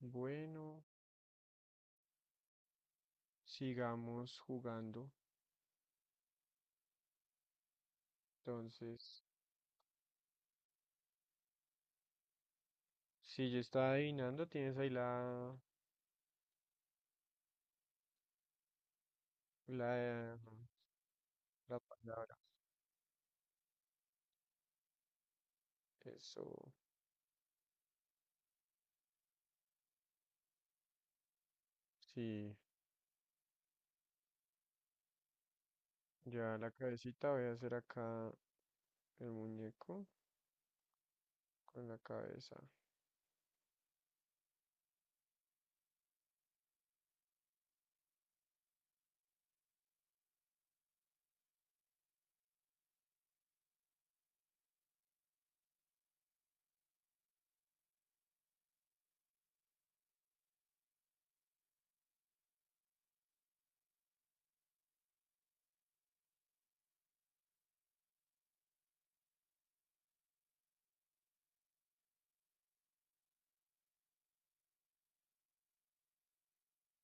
Bueno, sigamos jugando. Entonces, si yo estaba adivinando, tienes ahí la, la palabra. Eso, sí, ya la cabecita. Voy a hacer acá el muñeco con la cabeza.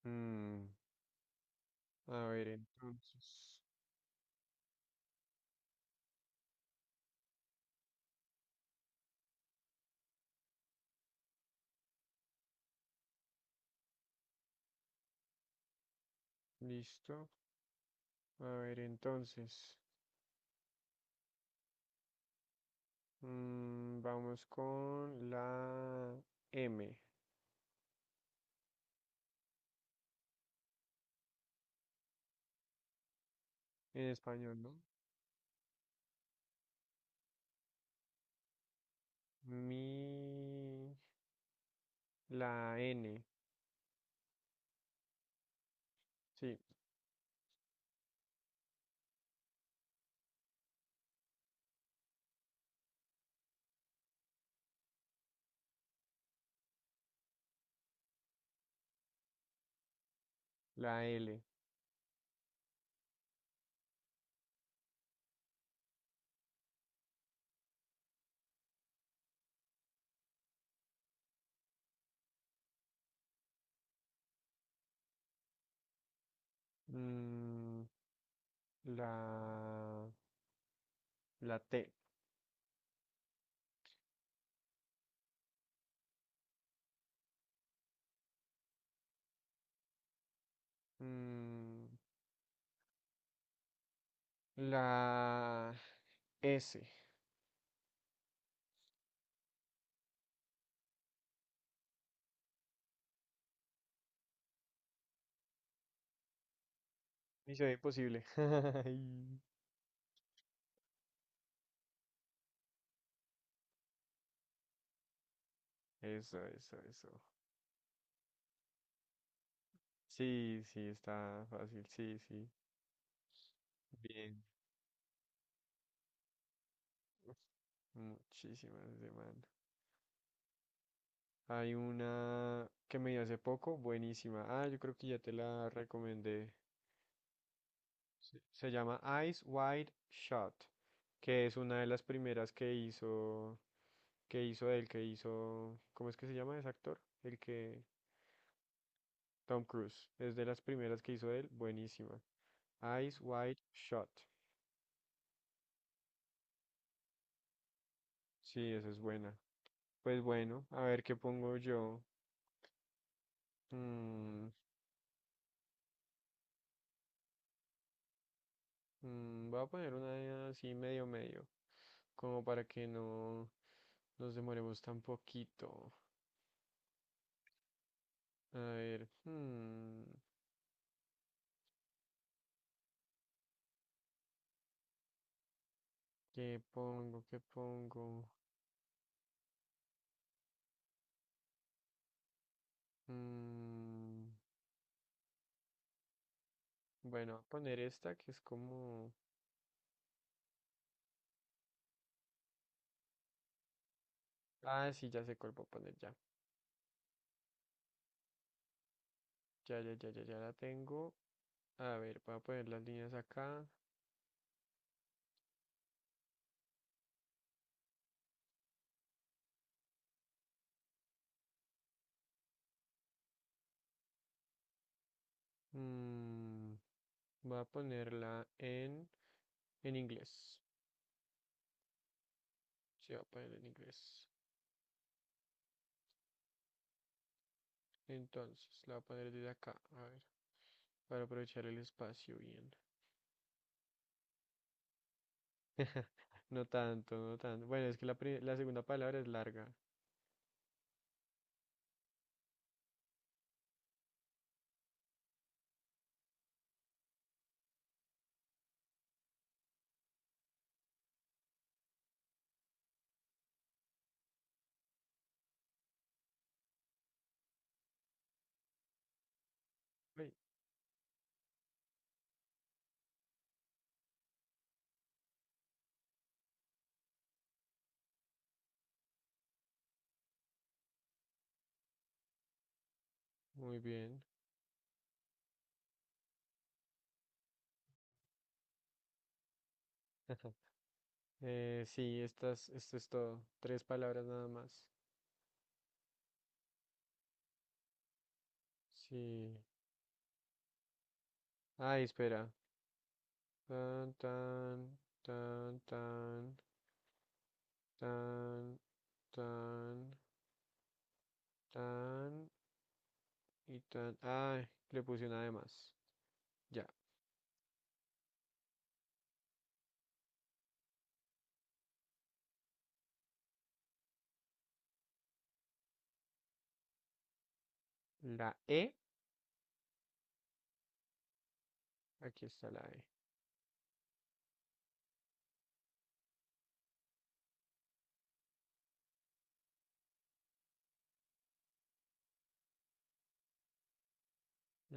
Mm, a ver, entonces. Listo. A ver, entonces. Vamos con la M en español, ¿no? Mi, la N. Sí. La L. Mm, la, la T. Mm, la S. ¡Misión imposible! Ay, eso, eso, eso. Sí, sí, está fácil. Sí, sí. Bien. Muchísimas demandas. Hay una que me di hace poco, buenísima. Ah, yo creo que ya te la recomendé. Se llama Eyes Wide Shut, que es una de las primeras que hizo él, que hizo, ¿cómo es que se llama ese actor? El que, Tom Cruise, es de las primeras que hizo él, buenísima. Eyes Wide Shot, sí, esa es buena. Pues bueno, a ver qué pongo yo. Mm, Voy a poner una así medio medio, como para que no nos demoremos tan poquito. A ver, ¿qué pongo? ¿Qué pongo? Mm, bueno, voy a poner esta que es como... Ah, sí, ya sé cuál voy a poner ya. Ya, ya, ya, ya, ya la tengo. A ver, voy a poner las líneas acá. Mm, voy a ponerla En inglés. Sí, voy a poner en inglés. Entonces, la voy a poner desde acá. A ver, para aprovechar el espacio bien. No tanto, no tanto. Bueno, es que la segunda palabra es larga. Ay, muy bien. Sí, esto es todo. Tres palabras nada más. Sí. Ay, espera. Tan, tan, tan, tan, tan. Tan, tan y tan. Ah, le puse una de más. Ya. La E. Aquí está la E.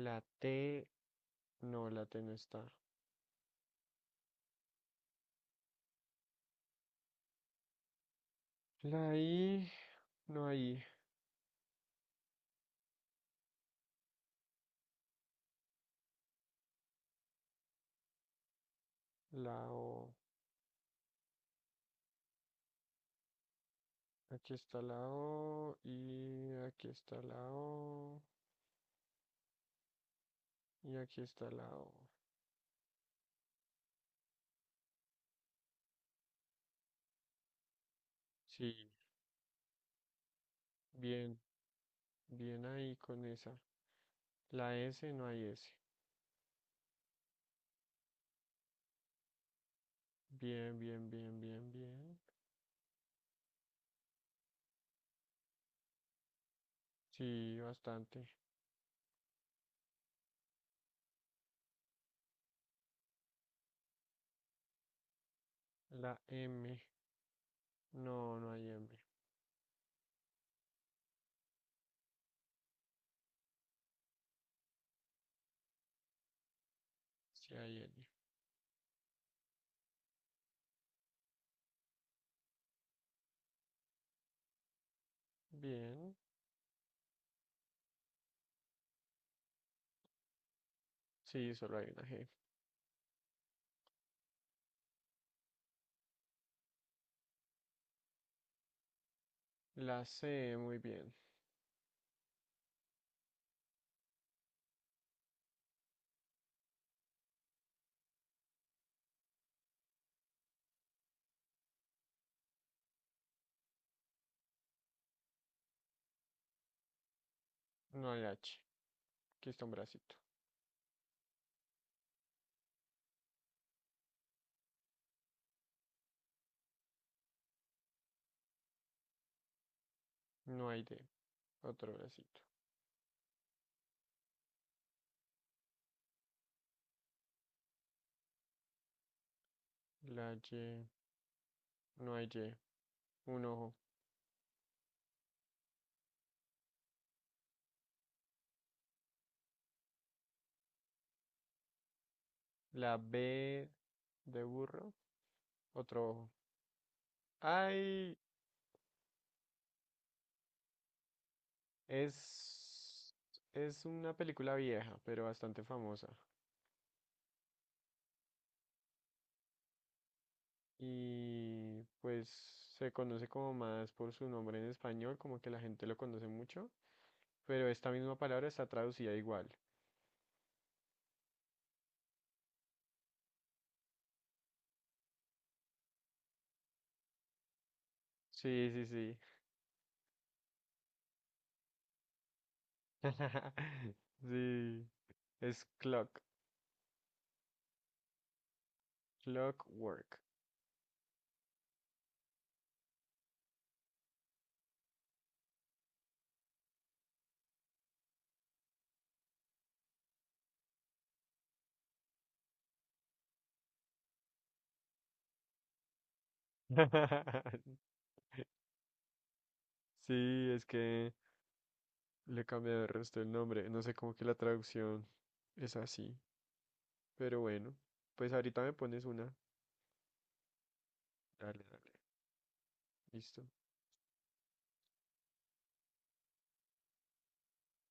La T. No, la T no está. La I. No hay. La O. Aquí está la O. Y aquí está la O. Y aquí está la O. Sí, bien. Bien ahí con esa. La S, no hay S. Bien, bien, bien, bien, bien. Sí, bastante. La M. No, no hay M. Sí, hay L. Bien. Sí, solo hay una G. La C, muy bien. No hay H. Aquí está un bracito. No hay D. Otro bracito. La Y. No hay Y. Un ojo. La B de burro. Otro ojo. Ay, es, es una película vieja, pero bastante famosa. Y pues se conoce como más por su nombre en español, como que la gente lo conoce mucho. Pero esta misma palabra está traducida igual. Sí, sí, sí. Sí, es clock, clockwork. Sí, es que le cambié el resto del nombre. No sé cómo que la traducción es así, pero bueno, pues ahorita me pones una. Dale, dale. Listo.